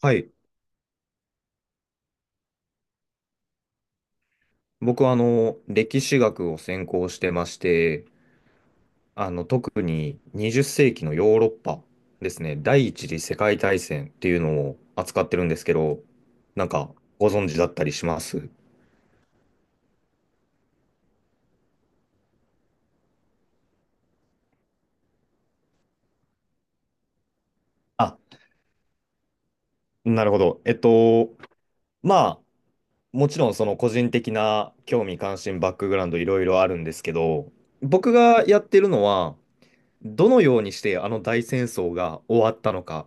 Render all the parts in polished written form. はい。僕は歴史学を専攻してまして、特に20世紀のヨーロッパですね、第一次世界大戦っていうのを扱ってるんですけど、なんかご存知だったりします？あ、なるほど。まあ、もちろんその個人的な興味関心、バックグラウンドいろいろあるんですけど、僕がやってるのは、どのようにしてあの大戦争が終わったのか、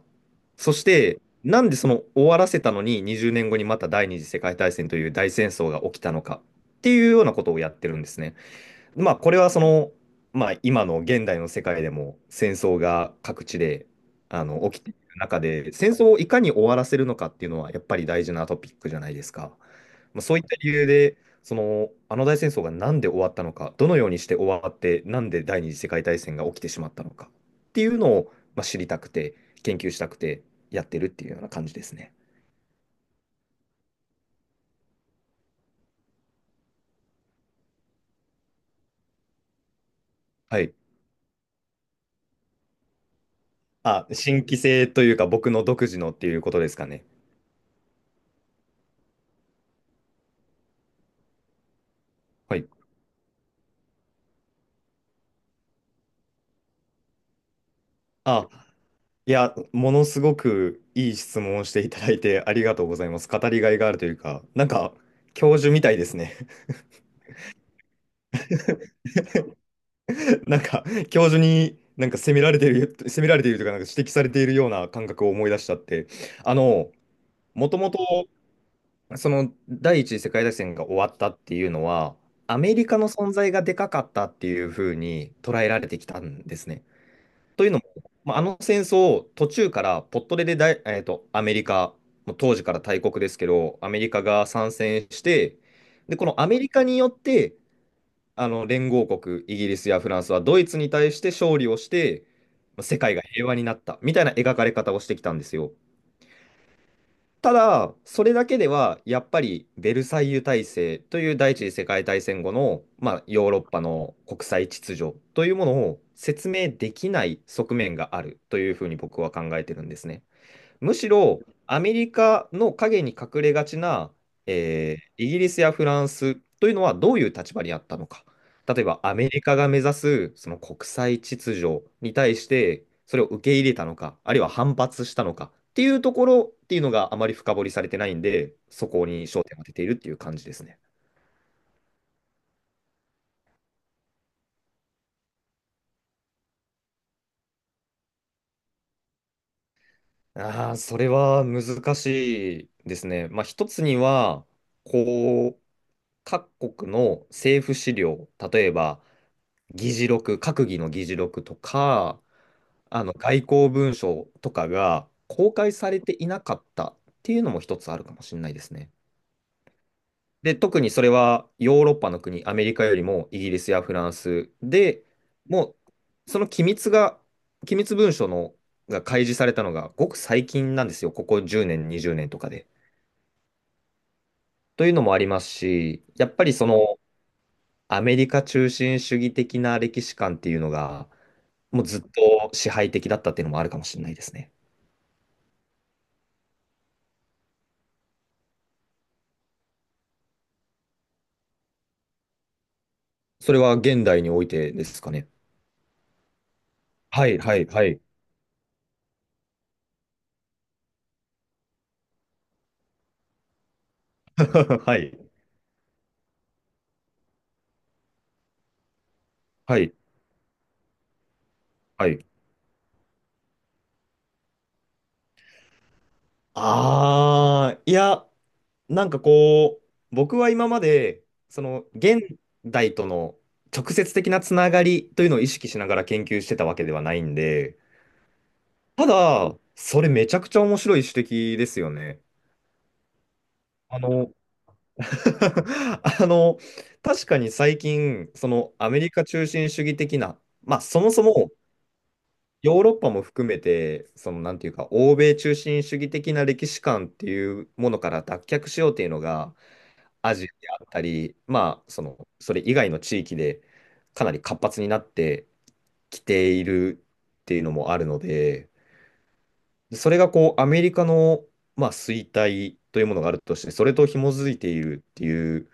そしてなんでその終わらせたのに20年後にまた第二次世界大戦という大戦争が起きたのかっていうようなことをやってるんですね。まあ、これはその、まあ、今の現代の世界でも戦争が各地で起きている中で、戦争をいかに終わらせるのかっていうのはやっぱり大事なトピックじゃないですか。まあ、そういった理由で、その、あの大戦争がなんで終わったのか、どのようにして終わって、なんで第二次世界大戦が起きてしまったのかっていうのを、まあ、知りたくて、研究したくてやってるっていうような感じですね。はい。あ、新規性というか、僕の独自のっていうことですかね。はい。あ、いや、ものすごくいい質問をしていただいて ありがとうございます。語りがいがあるというか、なんか、教授みたいですね。なんか、教授になんか責められているというか、なんか指摘されているような感覚を思い出しちゃって。あの、もともと、その、第一次世界大戦が終わったっていうのは、アメリカの存在がでかかったっていうふうに捉えられてきたんですね。というのも、まあ、あの戦争を途中からポットレでだい、えーと、アメリカ、もう当時から大国ですけど、アメリカが参戦して、で、このアメリカによって、あの連合国、イギリスやフランスはドイツに対して勝利をして、まあ世界が平和になったみたいな描かれ方をしてきたんですよ。ただ、それだけでは、やっぱりベルサイユ体制という第一次世界大戦後の、まあ、ヨーロッパの国際秩序というものを説明できない側面があるというふうに僕は考えてるんですね。むしろアメリカの陰に隠れがちな、イギリスやフランスというのはどういう立場にあったのか。例えばアメリカが目指すその国際秩序に対してそれを受け入れたのか、あるいは反発したのかっていうところっていうのがあまり深掘りされてないんで、そこに焦点を当てているっていう感じですね。ああ、それは難しいですね。まあ、一つには、こう、各国の政府資料、例えば、議事録、閣議の議事録とか、外交文書とかが公開されていなかったっていうのも一つあるかもしれないですね。で、特にそれはヨーロッパの国、アメリカよりもイギリスやフランスで、もうその機密文書のが開示されたのがごく最近なんですよ、ここ10年、20年とかで。というのもありますし、やっぱりそのアメリカ中心主義的な歴史観っていうのが、もうずっと支配的だったっていうのもあるかもしれないですね。それは現代においてですかね。はい、はい、はい。はい、はい、はい。ああ、いや、なんかこう、僕は今まで、その現代との直接的なつながりというのを意識しながら研究してたわけではないんで、ただ、それめちゃくちゃ面白い指摘ですよね。あの、あの、確かに最近、そのアメリカ中心主義的な、まあそもそもヨーロッパも含めて、そのなんていうか、欧米中心主義的な歴史観っていうものから脱却しようっていうのが、アジアであったり、まあ、その、それ以外の地域でかなり活発になってきているっていうのもあるので、それがこう、アメリカの、まあ、衰退というものがあるとして、それと紐づいているっていう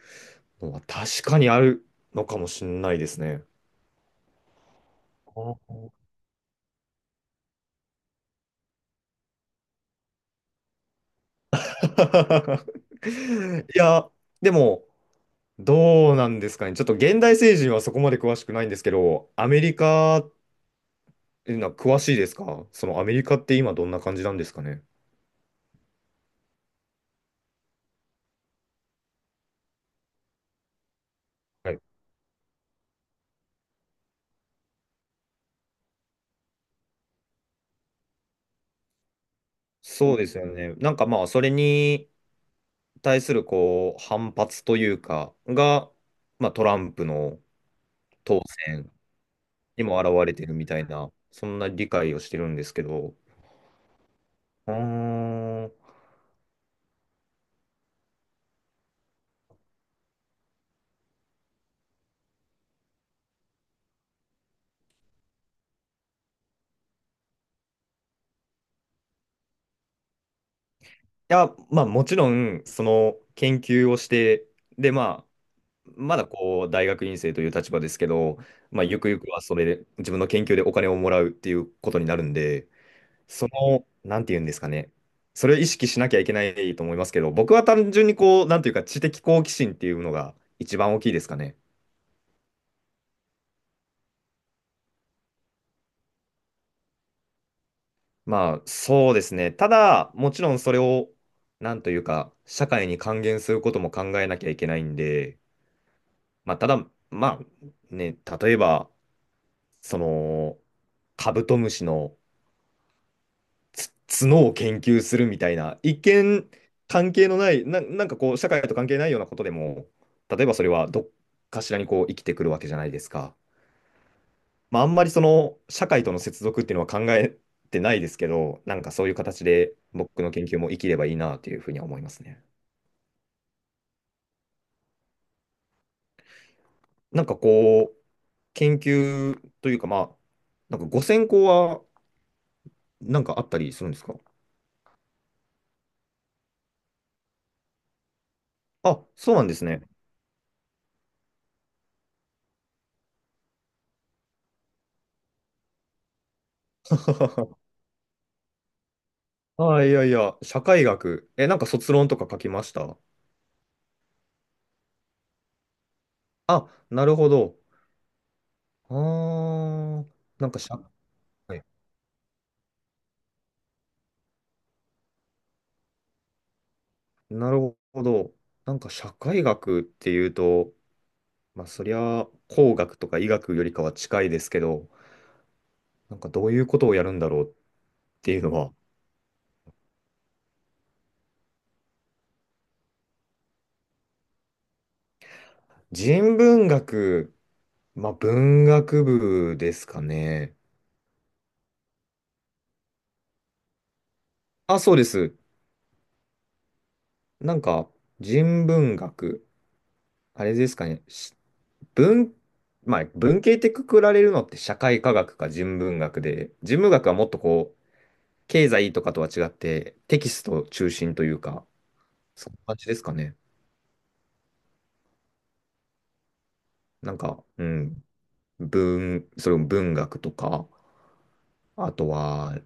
のは確かにあるのかもしれないですね。いや、でも、どうなんですかね。ちょっと現代政治はそこまで詳しくないんですけど、アメリカっていうのは詳しいですか？そのアメリカって今どんな感じなんですかね。はい、そうですよね。なんかまあ、それに対するこう反発というか、が、まあ、トランプの当選にも表れてるみたいな、そんな理解をしてるんですけど、うーん。いや、まあ、もちろん、その研究をして、で、まあ、まだこう、大学院生という立場ですけど、まあ、ゆくゆくはそれで、自分の研究でお金をもらうっていうことになるんで、その、なんて言うんですかね。それを意識しなきゃいけないと思いますけど、僕は単純にこう、なんていうか、知的好奇心っていうのが一番大きいですかね。まあ、そうですね。ただ、もちろんそれを、なんというか、社会に還元することも考えなきゃいけないんで、まあ、ただ、まあ、ね、例えば、その、カブトムシの角を研究するみたいな、一見関係のない、なんかこう、社会と関係ないようなことでも、例えばそれはどっかしらにこう生きてくるわけじゃないですか。まあ、あんまりその社会との接続っていうのは考えてないですけど、なんかそういう形で僕の研究も生きればいいなというふうには思いますね。なんかこう、研究というか、まあ、なんかご0 0はなんかあったりするんですか？あ、そうなんですね。あ、いやいや、社会学。え、なんか卒論とか書きました？あ、なるほど。ああ、なんか社会、なるほど。なんか社会学っていうと、まあそりゃ工学とか医学よりかは近いですけど、なんかどういうことをやるんだろうっていうのは、人文学、まあ文学部ですかね。あ、そうです。なんか人文学、あれですかね。文、まあ文系ってくくられるのって社会科学か人文学で、人文学はもっとこう、経済とかとは違って、テキスト中心というか、そんな感じですかね。なんか、うん、文、それも文学とか、あとは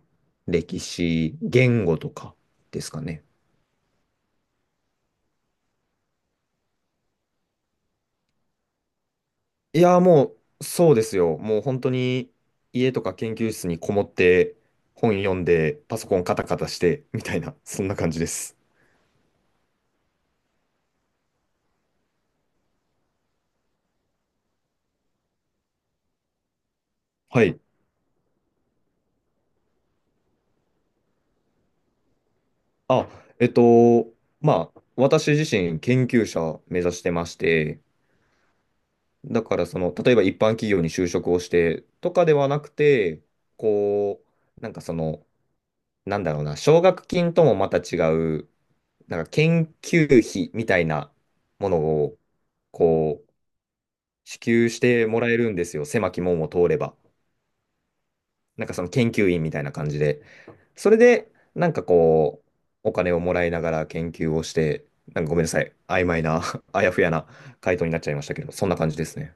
歴史、言語とかですかね。いやー、もう、そうですよ。もう本当に家とか研究室にこもって、本読んで、パソコンカタカタして、みたいな、そんな感じです。はい。あ、えっと、まあ、私自身研究者目指してまして、だからその、例えば一般企業に就職をしてとかではなくて、こう、なんかその、なんだろうな、奨学金ともまた違う、なんか研究費みたいなものを、こう、支給してもらえるんですよ。狭き門を通れば。なんかその研究員みたいな感じで。それで、なんかこう、お金をもらいながら研究をして、なんかごめんなさい。曖昧な、あやふやな回答になっちゃいましたけど、そんな感じですね。